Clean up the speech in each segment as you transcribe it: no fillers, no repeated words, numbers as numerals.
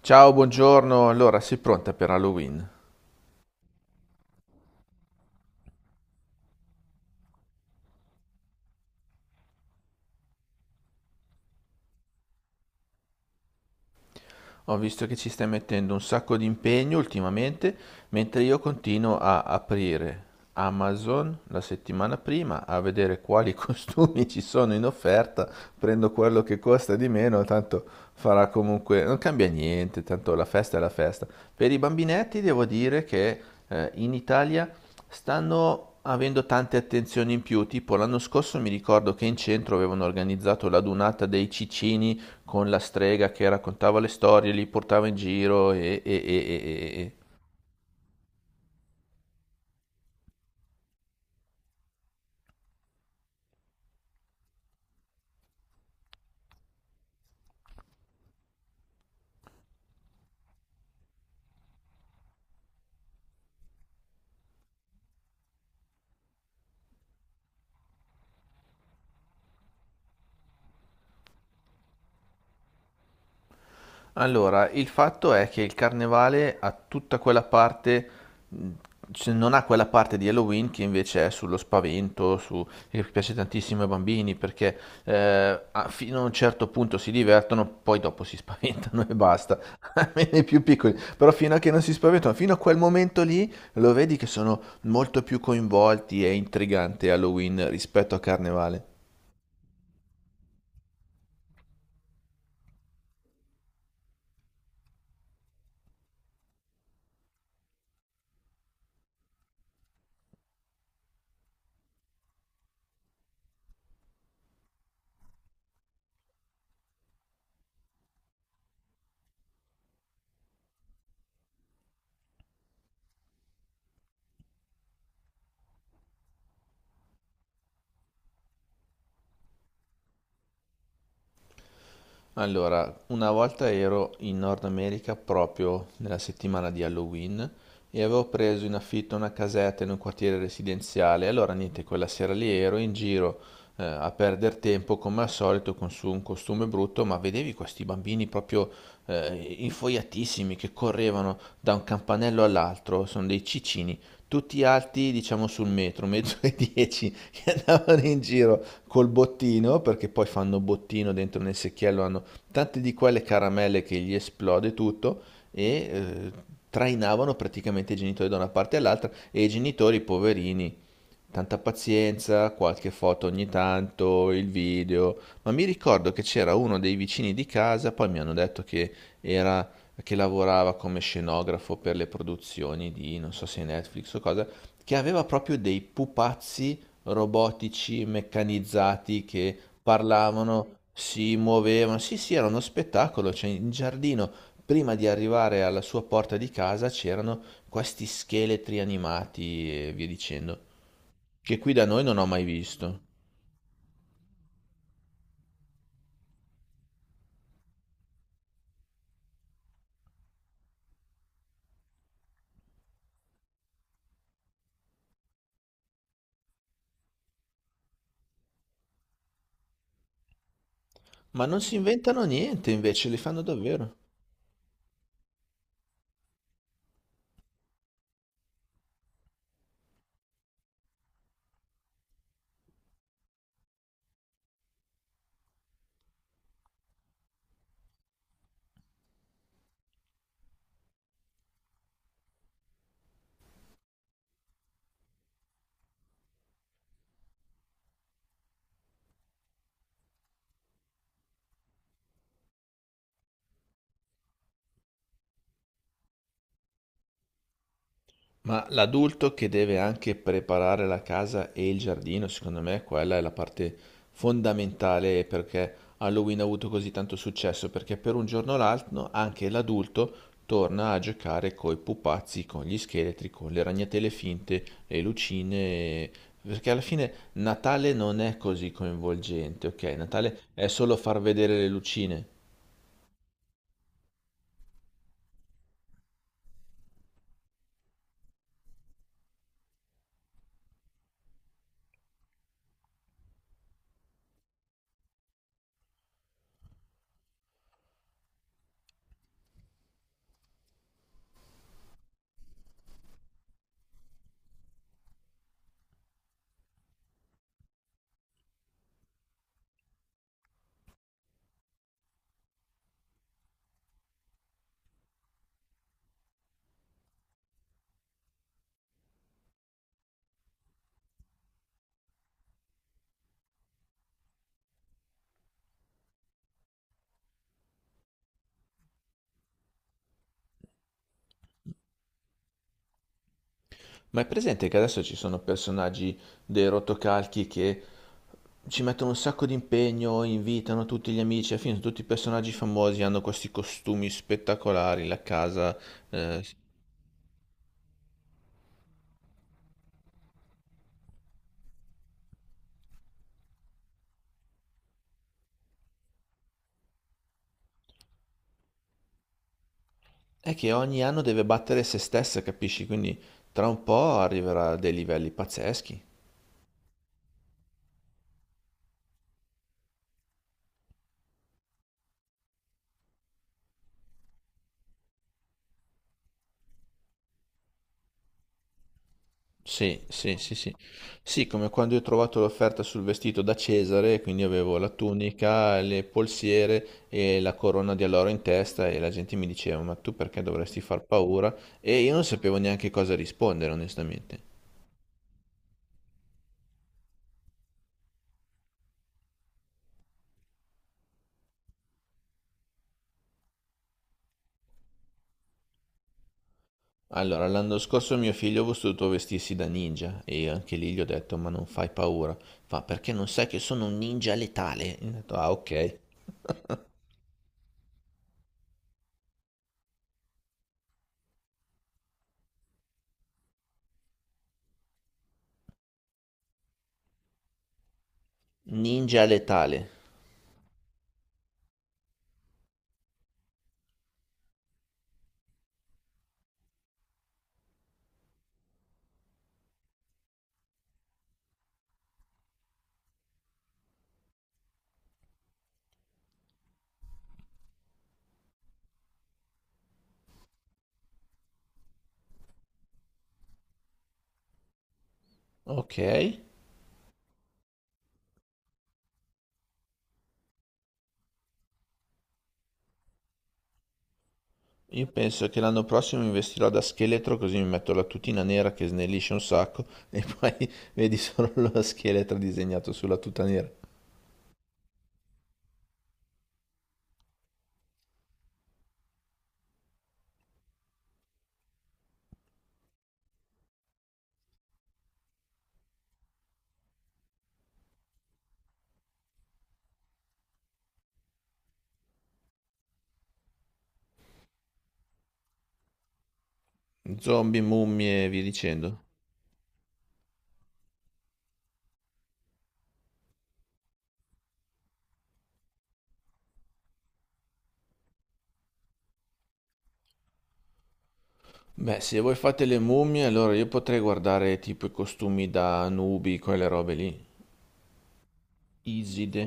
Ciao, buongiorno. Allora, sei pronta per Halloween? Ho visto che ci stai mettendo un sacco di impegno ultimamente, mentre io continuo a aprire Amazon la settimana prima a vedere quali costumi ci sono in offerta, prendo quello che costa di meno, tanto farà comunque, non cambia niente, tanto la festa è la festa. Per i bambinetti devo dire che in Italia stanno avendo tante attenzioni in più, tipo l'anno scorso mi ricordo che in centro avevano organizzato la dunata dei cicini con la strega che raccontava le storie, li portava in giro e. Allora, il fatto è che il carnevale ha tutta quella parte, mh, cioè non ha quella parte di Halloween che invece è sullo spavento, su, che piace tantissimo ai bambini perché fino a un certo punto si divertono, poi dopo si spaventano e basta, almeno i più piccoli. Però fino a che non si spaventano, fino a quel momento lì lo vedi che sono molto più coinvolti, è intrigante Halloween rispetto a Carnevale. Allora, una volta ero in Nord America proprio nella settimana di Halloween e avevo preso in affitto una casetta in un quartiere residenziale. Allora, niente, quella sera lì ero in giro a perdere tempo come al solito con su un costume brutto, ma vedevi questi bambini proprio infoiatissimi che correvano da un campanello all'altro, sono dei cicini, tutti alti, diciamo sul metro, metro e dieci, che andavano in giro col bottino, perché poi fanno bottino dentro nel secchiello, hanno tante di quelle caramelle che gli esplode tutto e trainavano praticamente i genitori da una parte all'altra e i genitori poverini. Tanta pazienza, qualche foto ogni tanto, il video, ma mi ricordo che c'era uno dei vicini di casa, poi mi hanno detto che era che lavorava come scenografo per le produzioni di non so se Netflix o cosa, che aveva proprio dei pupazzi robotici meccanizzati che parlavano, si muovevano. Sì, sì, era uno spettacolo, cioè in giardino prima di arrivare alla sua porta di casa c'erano questi scheletri animati e via dicendo che qui da noi non ho mai visto. Ma non si inventano niente, invece li fanno davvero. Ma l'adulto che deve anche preparare la casa e il giardino, secondo me quella è la parte fondamentale perché Halloween ha avuto così tanto successo, perché per un giorno o l'altro anche l'adulto torna a giocare coi pupazzi, con gli scheletri, con le ragnatele finte, le lucine, e- perché alla fine Natale non è così coinvolgente, ok? Natale è solo far vedere le lucine. Ma è presente che adesso ci sono personaggi dei rotocalchi che ci mettono un sacco di impegno, invitano tutti gli amici, alla fine sono tutti personaggi famosi, hanno questi costumi spettacolari, la casa, eh, è che ogni anno deve battere se stessa, capisci? Quindi tra un po' arriverà a dei livelli pazzeschi. Sì, sì, sì, sì. Sì, come quando io ho trovato l'offerta sul vestito da Cesare, quindi avevo la tunica, le polsiere e la corona di alloro in testa e la gente mi diceva, ma tu perché dovresti far paura? E io non sapevo neanche cosa rispondere, onestamente. Allora, l'anno scorso mio figlio ha voluto vestirsi da ninja e io anche lì gli ho detto, ma non fai paura. Fa, perché non sai che sono un ninja letale? E ho detto, ah, ok. Ninja letale. Ok. Io penso che l'anno prossimo mi vestirò da scheletro così mi metto la tutina nera che snellisce un sacco e poi vedi solo lo scheletro disegnato sulla tuta nera. Zombie, mummie e via dicendo. Beh, se voi fate le mummie, allora io potrei guardare tipo i costumi da nubi, quelle robe lì. Iside.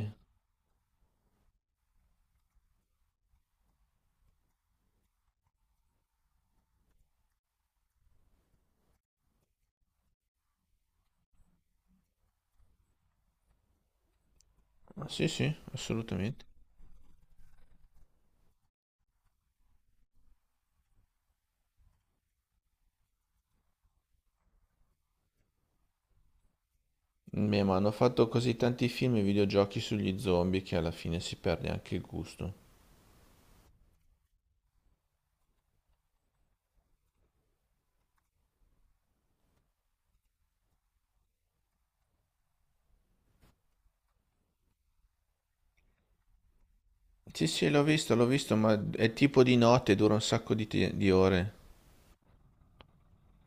Ah, sì, sì, assolutamente. Beh, ma hanno fatto così tanti film e videogiochi sugli zombie che alla fine si perde anche il gusto. Sì, sì, l'ho visto, ma è tipo di notte, dura un sacco di di ore.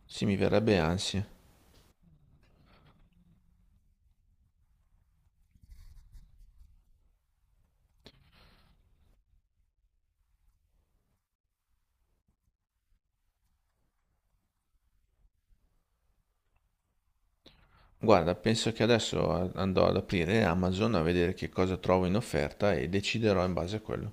Sì, mi verrebbe ansia. Guarda, penso che adesso andrò ad aprire Amazon a vedere che cosa trovo in offerta e deciderò in base a quello.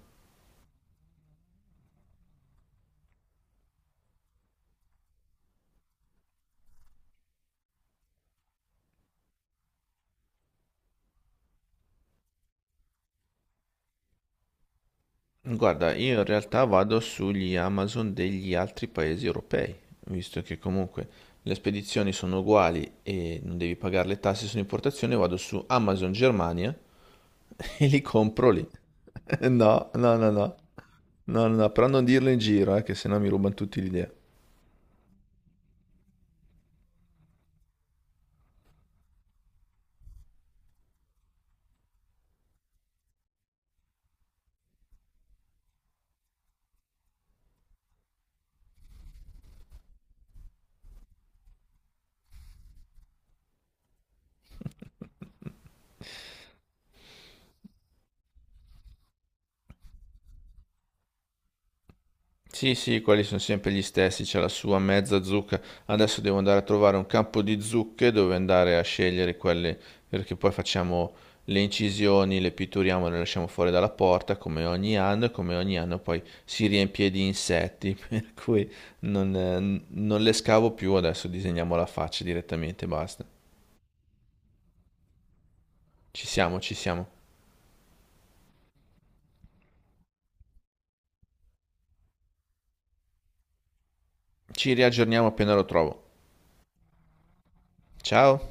Guarda, io in realtà vado sugli Amazon degli altri paesi europei, visto che comunque le spedizioni sono uguali e non devi pagare le tasse sull'importazione, vado su Amazon Germania. E li compro lì. No, no, no, no. No, no, no, però non dirlo in giro, che sennò mi rubano tutti l'idea. Sì, sì, quelli sono sempre gli stessi, c'è la sua mezza zucca. Adesso devo andare a trovare un campo di zucche dove andare a scegliere quelle, perché poi facciamo le incisioni, le pitturiamo, e le lasciamo fuori dalla porta come ogni anno e come ogni anno poi si riempie di insetti, per cui non, eh, non le scavo più, adesso disegniamo la faccia direttamente, basta. Ci siamo, ci siamo. Ci riaggiorniamo appena lo trovo. Ciao!